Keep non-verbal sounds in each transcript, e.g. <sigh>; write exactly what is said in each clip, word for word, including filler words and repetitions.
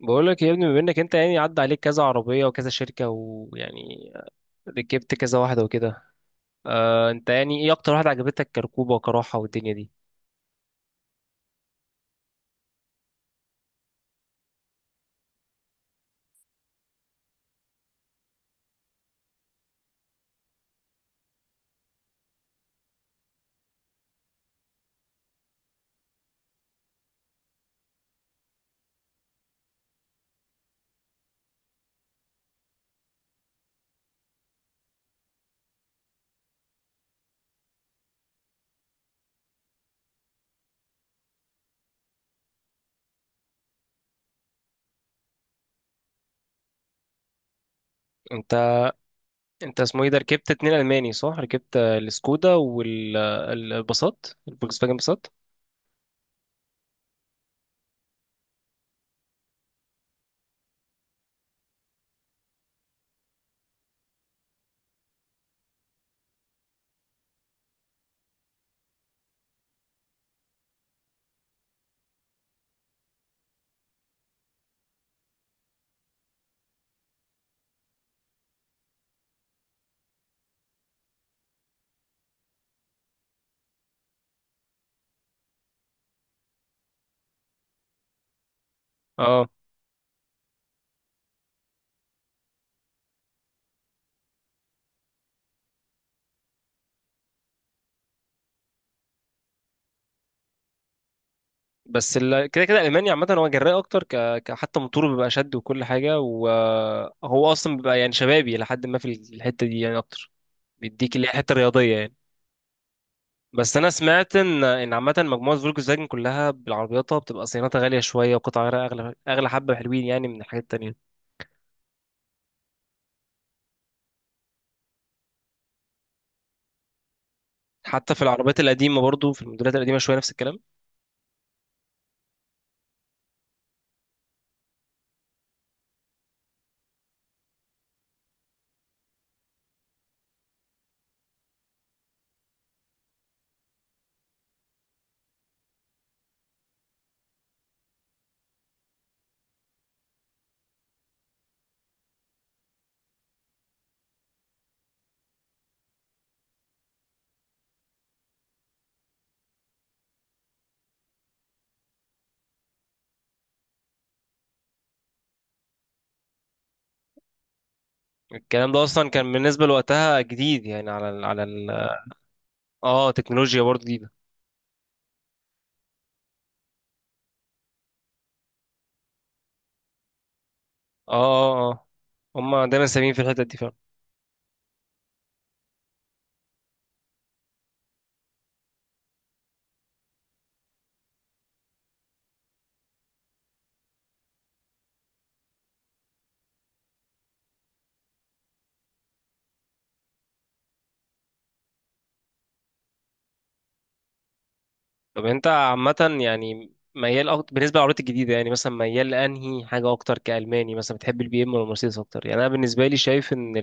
بقول لك يا ابني، بما انك انت يعني عدى عليك كذا عربيه وكذا شركه، ويعني ركبت كذا واحده وكده. آه انت يعني ايه اكتر واحده عجبتك، كركوبه وكراحه والدنيا دي؟ انت انت اسمه ايه ده، ركبت اتنين الماني صح؟ ركبت آه، السكودا والباصات، الفولكس فاجن باصات. اه بس ال- كده كده الالماني عامه هو جراء اكتر، ك... ك- حتى موتوره بيبقى شد وكل حاجه، وهو اصلا بيبقى يعني شبابي لحد ما في الحته دي يعني اكتر، بيديك اللي هي حته رياضيه يعني. بس انا سمعت ان ان عامه مجموعه فولكس فاجن كلها بالعربياتها بتبقى صيانتها غاليه شويه، وقطع غيارها اغلى، اغلى حبه، حلوين يعني من الحاجات التانية. حتى في العربيات القديمه برضو، في الموديلات القديمه شويه نفس الكلام. الكلام ده اصلا كان بالنسبه لوقتها جديد، يعني على ال على ال... اه تكنولوجيا برضو جديده. اه، اه، اه. هم دايما سامين في الحته دي فعلا. طب انت عامه يعني ميال أكتر بالنسبه للعربيات الجديده؟ يعني مثلا ميال لانهي حاجه اكتر كالماني؟ مثلا بتحب البي ام ولا المرسيدس اكتر؟ يعني انا بالنسبه لي شايف ان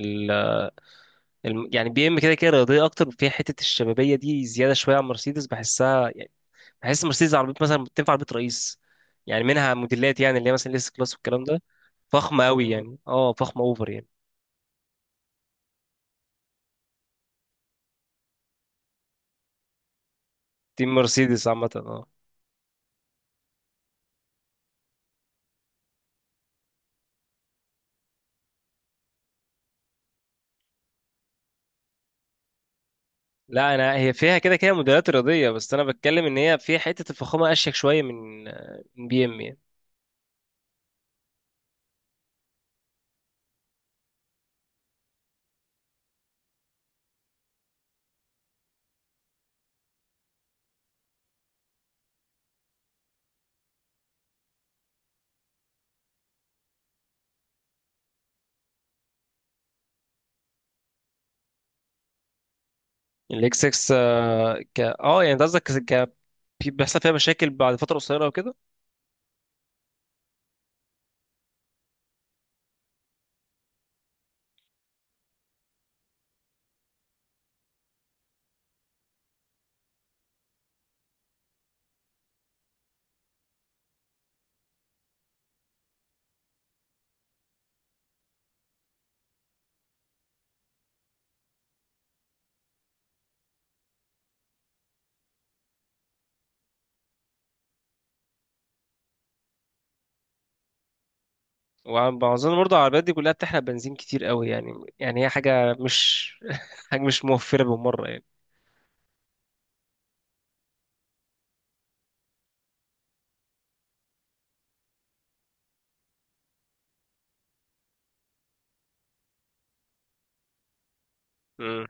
الم- يعني بي ام كده كده رياضيه اكتر، فيها حته الشبابيه دي زياده شويه عن مرسيدس بحسها يعني. بحس مرسيدس عربيات مثلا تنفع عربيه رئيس، يعني منها موديلات، يعني اللي هي مثلا الاس كلاس والكلام ده، فخمه قوي يعني. اه فخمه اوفر يعني. دي مرسيدس عامه اه. لا انا هي فيها كده كده موديلات رياضيه، بس انا بتكلم ان هي فيها حته الفخامه اشيك شويه من من بي ام يعني. الاكس سكس. ك اه يعني ده قصدك، ك... بيحصل فيها مشاكل بعد فتره قصيره وكده. وأظن برضه العربيات دي كلها بتحرق بنزين كتير قوي يعني، يعني هي حاجة مش <laughs> حاجة مش موفرة بالمرة يعني. مم.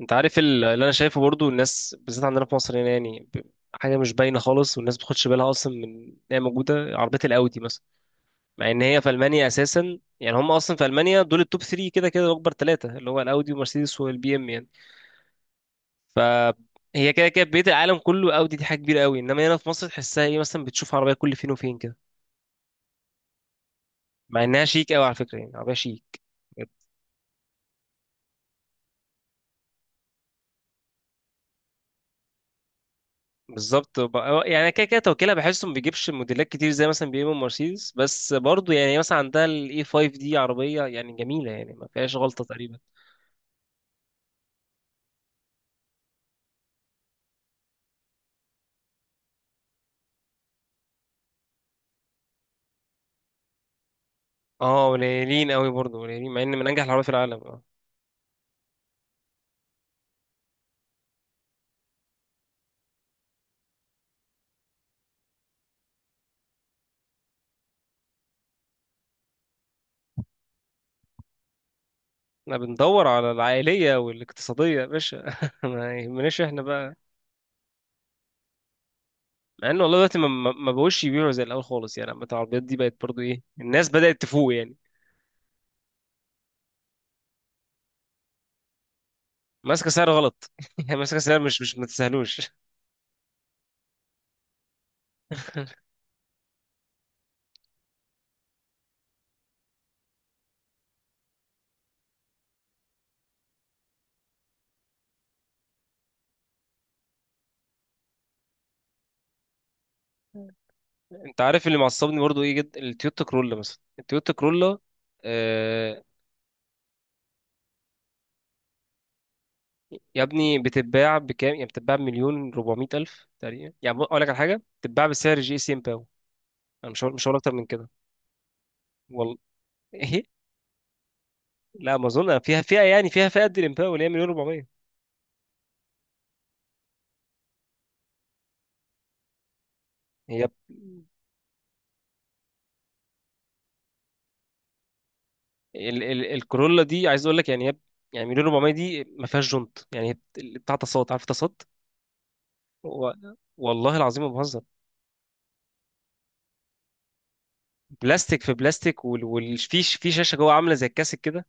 أنت عارف ال- اللي أنا شايفه برضه، الناس بالذات عندنا في مصر هنا يعني ب- حاجة مش باينة خالص، والناس ما بتاخدش بالها أصلا من إن هي موجودة عربية الأودي مثلا، مع إن هي في ألمانيا أساسا. يعني هم أصلا في ألمانيا دول التوب ثلاثة كده كده، أكبر ثلاثة اللي هو الأودي ومرسيدس والبي إم يعني. ف هي كده كده بقية العالم كله أودي، دي حاجة كبيرة قوي، إنما هنا في مصر تحسها إيه، مثلا بتشوف عربية كل فين وفين كده، مع إنها شيك قوي على فكرة، يعني عربية شيك. بالظبط ب- هو- يعني أنا كده كده توكيلها بحسه ما بيجيبش موديلات كتير زي مثلا بي ام ومرسيدس، بس برضه يعني مثلا عندها الاي خمسة دي عربيه يعني جميله، يعني ما فيهاش غلطه تقريبا. اه قليلين قوي برضه، قليلين مع ان من انجح العربيات في العالم، اه. احنا بندور على العائليه والاقتصاديه يا باشا <laughs> ما يهمناش احنا بقى. مع ان والله دلوقتي ما ما- ما بقوش يبيعوا زي الاول خالص، يعني عامة العربيات دي بقت برضه ايه، الناس بدات تفوق يعني. ماسكه سعر غلط <laughs> يعني ماسكه سعر مش مش ما تستاهلوش. انت عارف اللي معصبني برضو ايه جدا؟ التويوتا كرولا مثلا، التويوتا كرولا، آه. يا ابني بتتباع بكام؟ يعني بتتباع بمليون اربعمئة الف تقريبا، يعني بق- اقول لك على حاجه، بتتباع بسعر جي سي امباو. انا مش هقول، مش هقول اكتر من كده والله. <laughs> ايه. لا ما اظن فيها فئه، يعني فيها فئه قد الامباو اللي هي مليون اربعمية. هي ب- ال ال الكورولا دي عايز اقول لك، يعني هي ب- يعني مليون اربعمية دي ما فيهاش جنط، يعني هي بت- بتاع تصاط، عارف تصاط؟ و- والله العظيم ما بهزر. بلاستيك في بلاستيك، وفي في في شاشه جوه عامله زي الكاسك كده.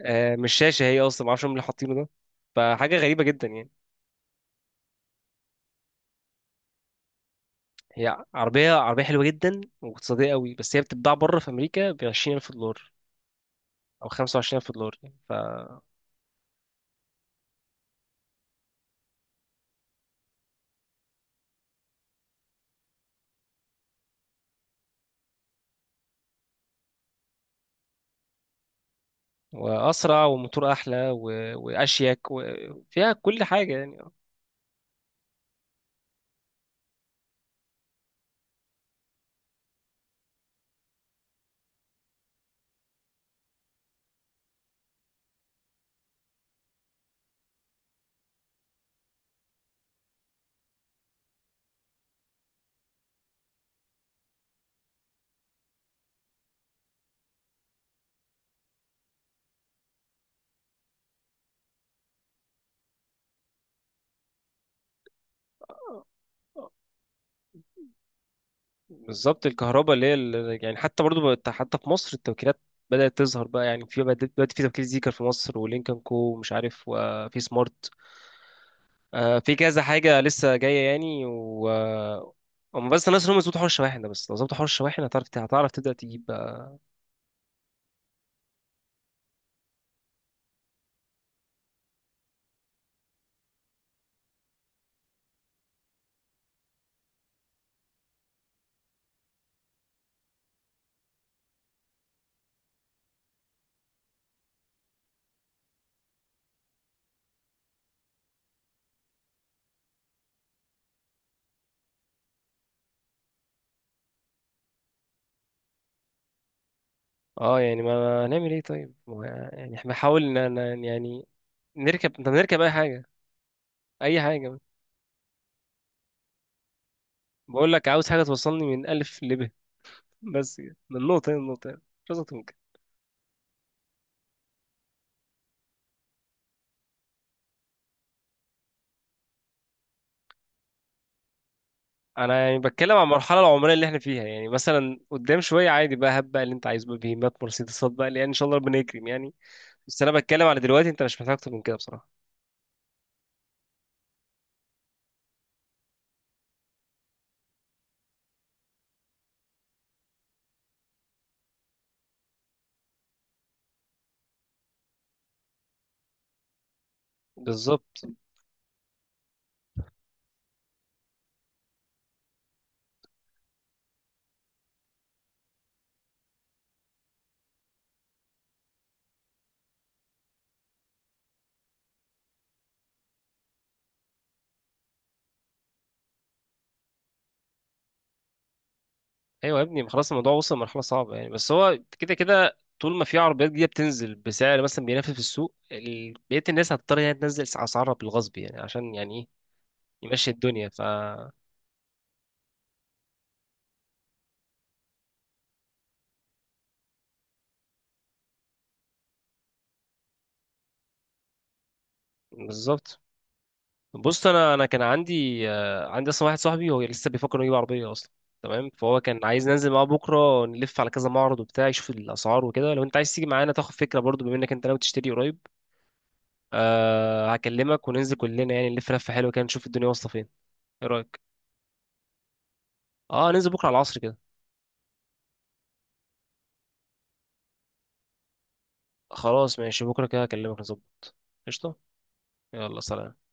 آه، مش شاشه، هي اصلا ما اعرفش هم اللي حاطينه ده، فحاجه غريبه جدا يعني. هي عربيه عربيه حلوه جدا واقتصاديه قوي، بس هي بتتباع بره في امريكا ب عشرين الف دولار او خمسة وعشرين الف دولار يعني ف... واسرع وموتور احلى و... واشيك وفيها كل حاجه يعني. بالظبط الكهرباء اللي هي ال- يعني حتى برضو بقت- حتى في مصر التوكيلات بدأت تظهر بقى، يعني في بدأت- دلوقتي في توكيل زيكر في مصر، ولينكن كو ومش عارف، وفي سمارت. آه، في كذا حاجة لسه جاية يعني، و آه، هم بس الناس اللي هم يظبطوا حوار الشواحن ده، بس لو ظبطوا حوار الشواحن هتعرف هتعرف تبدأ تجيب بقى. اه يعني ما هنعمل ايه طيب، هو يعني احنا بنحاول ان إن- يعني نركب، طب نركب اي حاجة، اي حاجة. بقول لك عاوز حاجة توصلني من ألف لب <laughs> بس كده من نقطة لنقطة، مش أكتر من كده. انا يعني بتكلم عن المرحلة العمرية اللي احنا فيها يعني، مثلا قدام شوية عادي بقى، هب بقى اللي انت عايزه بقى بهيمات مرسيدسات بقى، لان ان شاء الله ربنا يكرم يعني. بس انا بتكلم على دلوقتي، انت مش محتاج اكتر من كده بصراحة. بالظبط. ايوه يا ابني، ما خلاص الموضوع وصل لمرحله صعبه يعني، بس هو كده كده طول ما في عربيات جديده بتنزل بسعر مثلا بينافس في السوق، ال- بقيه الناس هتضطر يعني تنزل اسعارها بالغصب يعني، عشان يعني ايه، يمشي الدنيا. ف بالظبط. بص انا انا كان عندي، آه، عندي اصلا واحد صاحبي هو لسه بيفكر انه يجيب عربيه اصلا، تمام. فهو كان عايز ننزل معاه بكره، نلف على كذا معرض وبتاع، يشوف الاسعار وكده. لو انت عايز تيجي معانا تاخد فكره برضو، بما انك انت ناوي تشتري قريب. أه هكلمك وننزل كلنا يعني، نلف لفه حلوه كده، نشوف الدنيا واصله فين. ايه رايك؟ اه ننزل بكره على العصر كده. خلاص ماشي، بكرة كده أكلمك نظبط. قشطة. يلا سلام.